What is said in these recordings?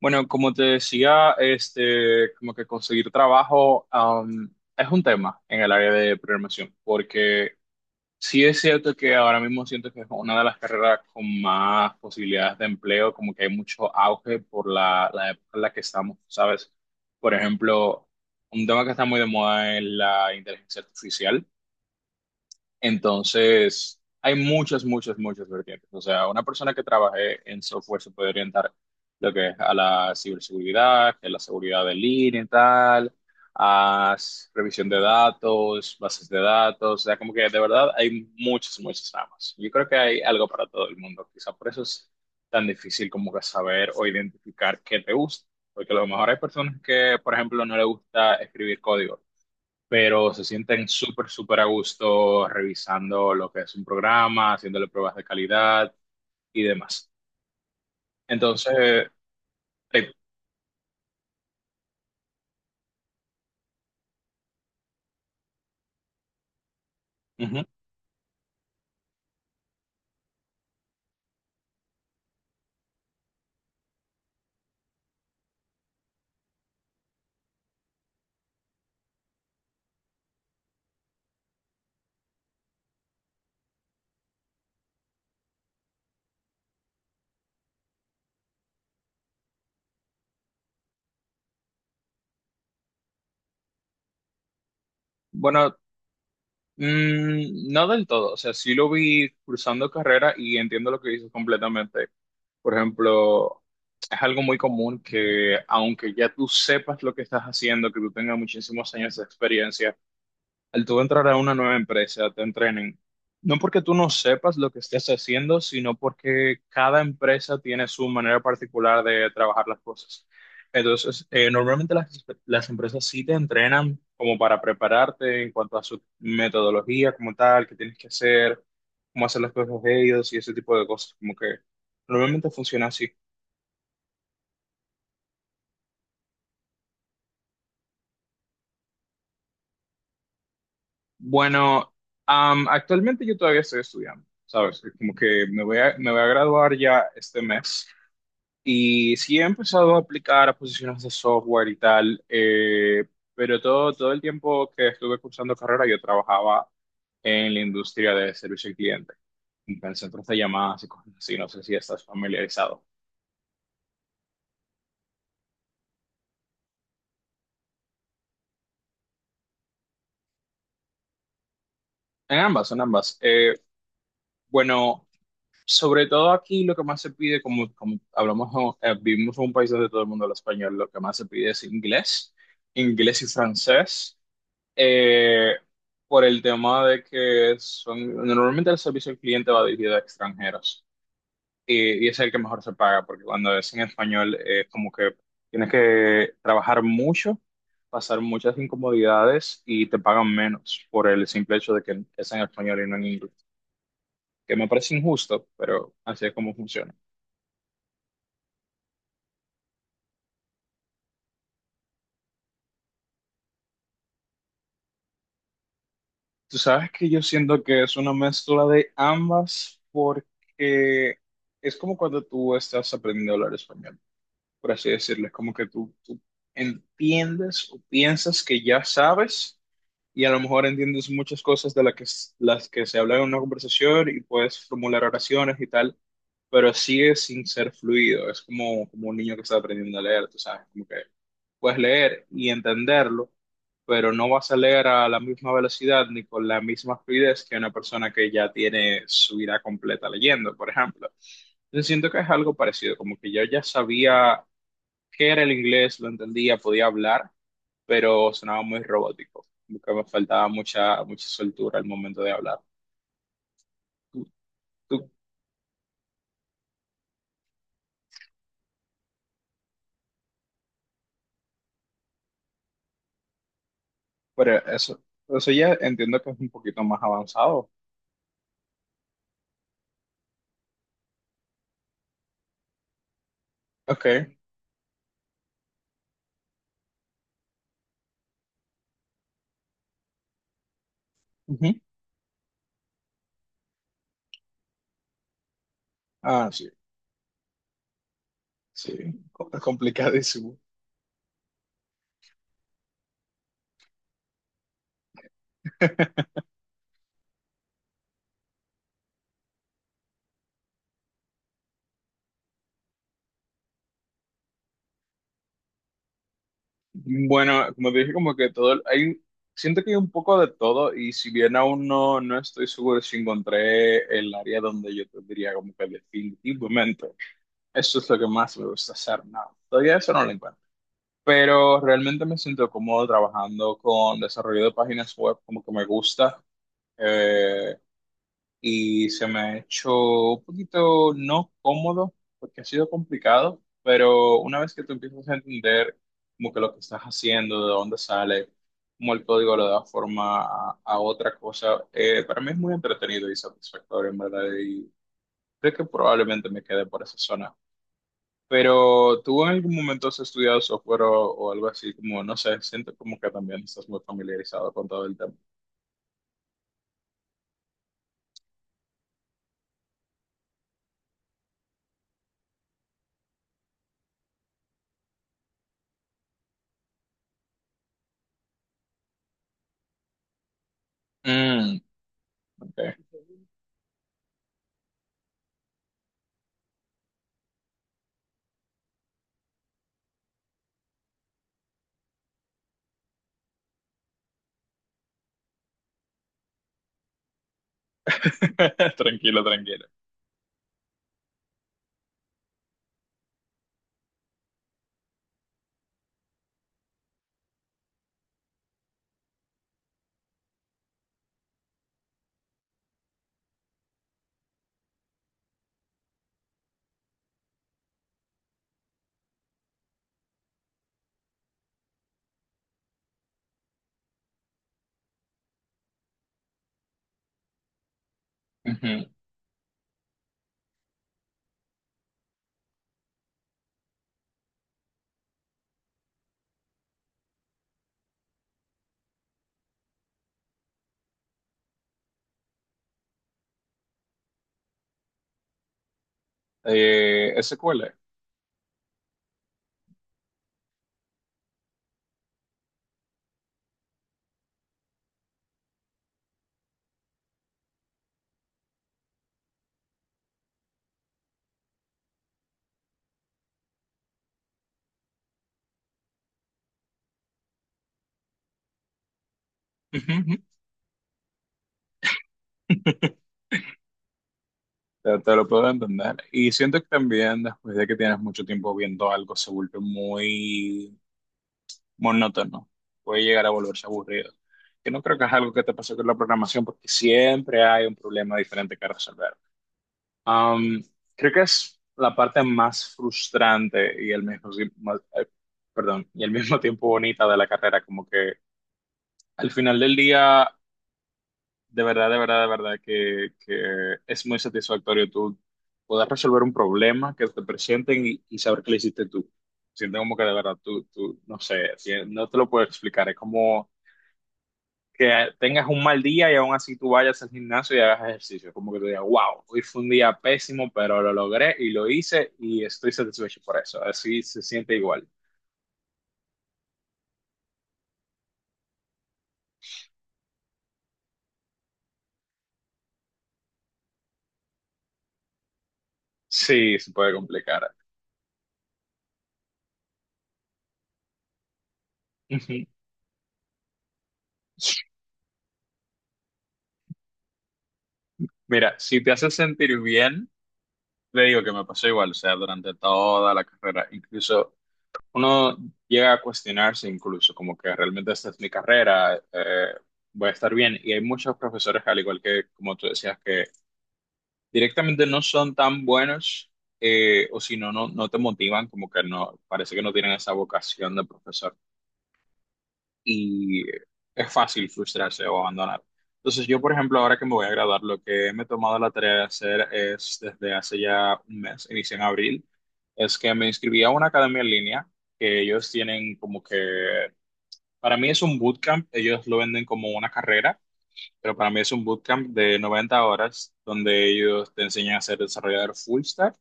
Bueno, como te decía, como que conseguir trabajo, es un tema en el área de programación, porque sí es cierto que ahora mismo siento que es una de las carreras con más posibilidades de empleo, como que hay mucho auge por la época en la que estamos, ¿sabes? Por ejemplo, un tema que está muy de moda es la inteligencia artificial, entonces hay muchas, muchas, muchas vertientes. O sea, una persona que trabaje en software se puede orientar lo que es a la ciberseguridad, que es la seguridad de línea y tal, a revisión de datos, bases de datos. O sea, como que de verdad hay muchas, muchas ramas. Yo creo que hay algo para todo el mundo. Quizá por eso es tan difícil como que saber o identificar qué te gusta. Porque a lo mejor hay personas que, por ejemplo, no les gusta escribir código, pero se sienten súper, súper a gusto revisando lo que es un programa, haciéndole pruebas de calidad y demás. Entonces, eh, ujú. Bueno, no del todo, o sea, sí lo vi cursando carrera y entiendo lo que dices completamente. Por ejemplo, es algo muy común que aunque ya tú sepas lo que estás haciendo, que tú tengas muchísimos años de experiencia, al tú entrar a una nueva empresa, te entrenen. No porque tú no sepas lo que estés haciendo, sino porque cada empresa tiene su manera particular de trabajar las cosas. Entonces, normalmente las empresas sí te entrenan como para prepararte en cuanto a su metodología como tal, qué tienes que hacer, cómo hacer las cosas de ellos y ese tipo de cosas. Como que normalmente funciona así. Bueno, actualmente yo todavía estoy estudiando, ¿sabes? Como que me voy a graduar ya este mes. Y sí he empezado a aplicar a posiciones de software y tal, pero todo el tiempo que estuve cursando carrera yo trabajaba en la industria de servicio al cliente, en centros de llamadas y cosas así, no sé si estás familiarizado. En ambas, en ambas. Bueno, sobre todo aquí lo que más se pide, como hablamos, ¿no? Vivimos en un país donde todo el mundo habla español, lo que más se pide es inglés, inglés y francés. Eh, por el tema de que son, normalmente el servicio al cliente va dirigido a extranjeros, y es el que mejor se paga, porque cuando es en español es como que tienes que trabajar mucho, pasar muchas incomodidades y te pagan menos por el simple hecho de que es en español y no en inglés, que me parece injusto, pero así es como funciona. Tú sabes que yo siento que es una mezcla de ambas, porque es como cuando tú estás aprendiendo a hablar español, por así decirlo. Es como que tú entiendes o piensas que ya sabes y a lo mejor entiendes muchas cosas de las que, las que se habla en una conversación, y puedes formular oraciones y tal, pero sigue sin ser fluido. Es como un niño que está aprendiendo a leer, tú sabes, como que puedes leer y entenderlo, pero no vas a leer a la misma velocidad ni con la misma fluidez que una persona que ya tiene su vida completa leyendo, por ejemplo. Entonces siento que es algo parecido, como que yo ya sabía que era el inglés, lo entendía, podía hablar, pero sonaba muy robótico, como que me faltaba mucha, mucha soltura al momento de hablar. Tú, tú, pero eso ya entiendo que es un poquito más avanzado. Ok. Ujú. Ah, sí, sí, es complicadísimo. Bueno, como te dije, como que todo, hay, siento que hay un poco de todo, y si bien aún no estoy seguro si encontré el área donde yo te diría como que, definitivamente, eso es lo que más me gusta hacer, no, todavía eso no lo encuentro. Pero realmente me siento cómodo trabajando con desarrollo de páginas web, como que me gusta, eh, y se me ha hecho un poquito no cómodo, porque ha sido complicado, pero una vez que tú empiezas a entender como que lo que estás haciendo, de dónde sale, cómo el código le da forma a otra cosa, para mí es muy entretenido y satisfactorio, en verdad, y creo que probablemente me quede por esa zona. Pero tú, ¿en algún momento has estudiado software o algo así? Como, no sé, siento como que también estás muy familiarizado con todo el tema. Mm, ok. Tranquilo, tranquilo. Ujú. SQL. Ujú. Te lo puedo entender. Y siento que también después de que tienes mucho tiempo viendo algo, se vuelve muy monótono. Puede llegar a volverse aburrido. Que no creo que es algo que te pase con la programación, porque siempre hay un problema diferente que resolver. Am, Creo que es la parte más frustrante y, el mismo, eh, perdón, y al mismo tiempo, bonita de la carrera, como que al final del día, de verdad, de verdad, de verdad, que es muy satisfactorio tú poder resolver un problema que te presenten y saber que lo hiciste tú. Siento como que de verdad, no sé, no te lo puedo explicar, es como que tengas un mal día y aún así tú vayas al gimnasio y hagas ejercicio. Como que tú digas, wow, hoy fue un día pésimo, pero lo logré y lo hice y estoy satisfecho por eso. Así se siente igual. Sí, se puede complicar. Ujú. Mira, si te hace sentir bien, te digo que me pasó igual, o sea, durante toda la carrera, incluso uno llega a cuestionarse incluso como que, realmente, esta es mi carrera, voy a estar bien. Y hay muchos profesores, al igual que como tú decías, que directamente no son tan buenos, o si no, no, no te motivan, como que no, parece que no tienen esa vocación de profesor, y es fácil frustrarse o abandonar. Entonces yo, por ejemplo, ahora que me voy a graduar, lo que me he tomado la tarea de hacer es, desde hace ya un mes, inicié en abril, es que me inscribí a una academia en línea que ellos tienen como que, para mí es un bootcamp, ellos lo venden como una carrera, pero para mí es un bootcamp de 90 horas donde ellos te enseñan a ser desarrollador full stack.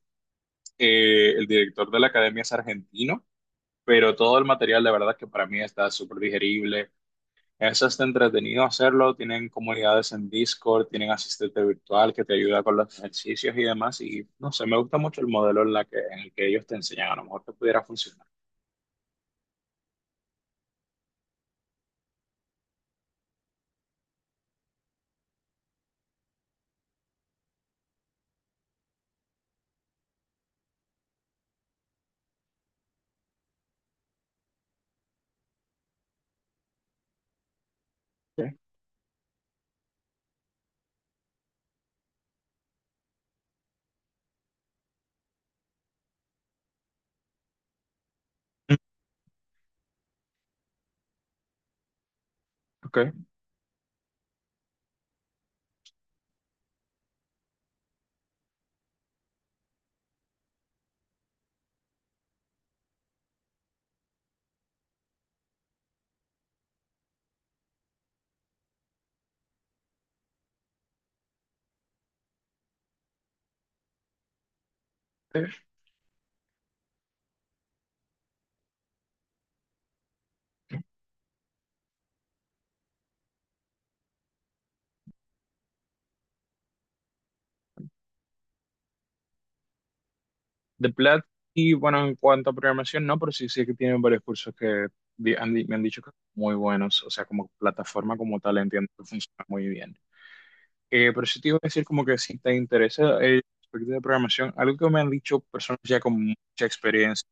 El director de la academia es argentino, pero todo el material, de verdad, que para mí está súper digerible. Es hasta entretenido hacerlo, tienen comunidades en Discord, tienen asistente virtual que te ayuda con los ejercicios y demás. Y no sé, me gusta mucho el modelo en el que ellos te enseñan, a lo mejor te pudiera funcionar. Ok, ok. Ok. De Plat, y bueno, en cuanto a programación, no, pero sí sé que tienen varios cursos que me han dicho que son muy buenos, o sea, como plataforma como tal, entiendo que funciona muy bien. Pero sí te iba a decir como que, si te interesa el aspecto de programación, algo que me han dicho personas ya con mucha experiencia,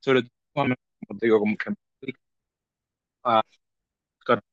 sobre todo, como te digo, como que me dedico a buscar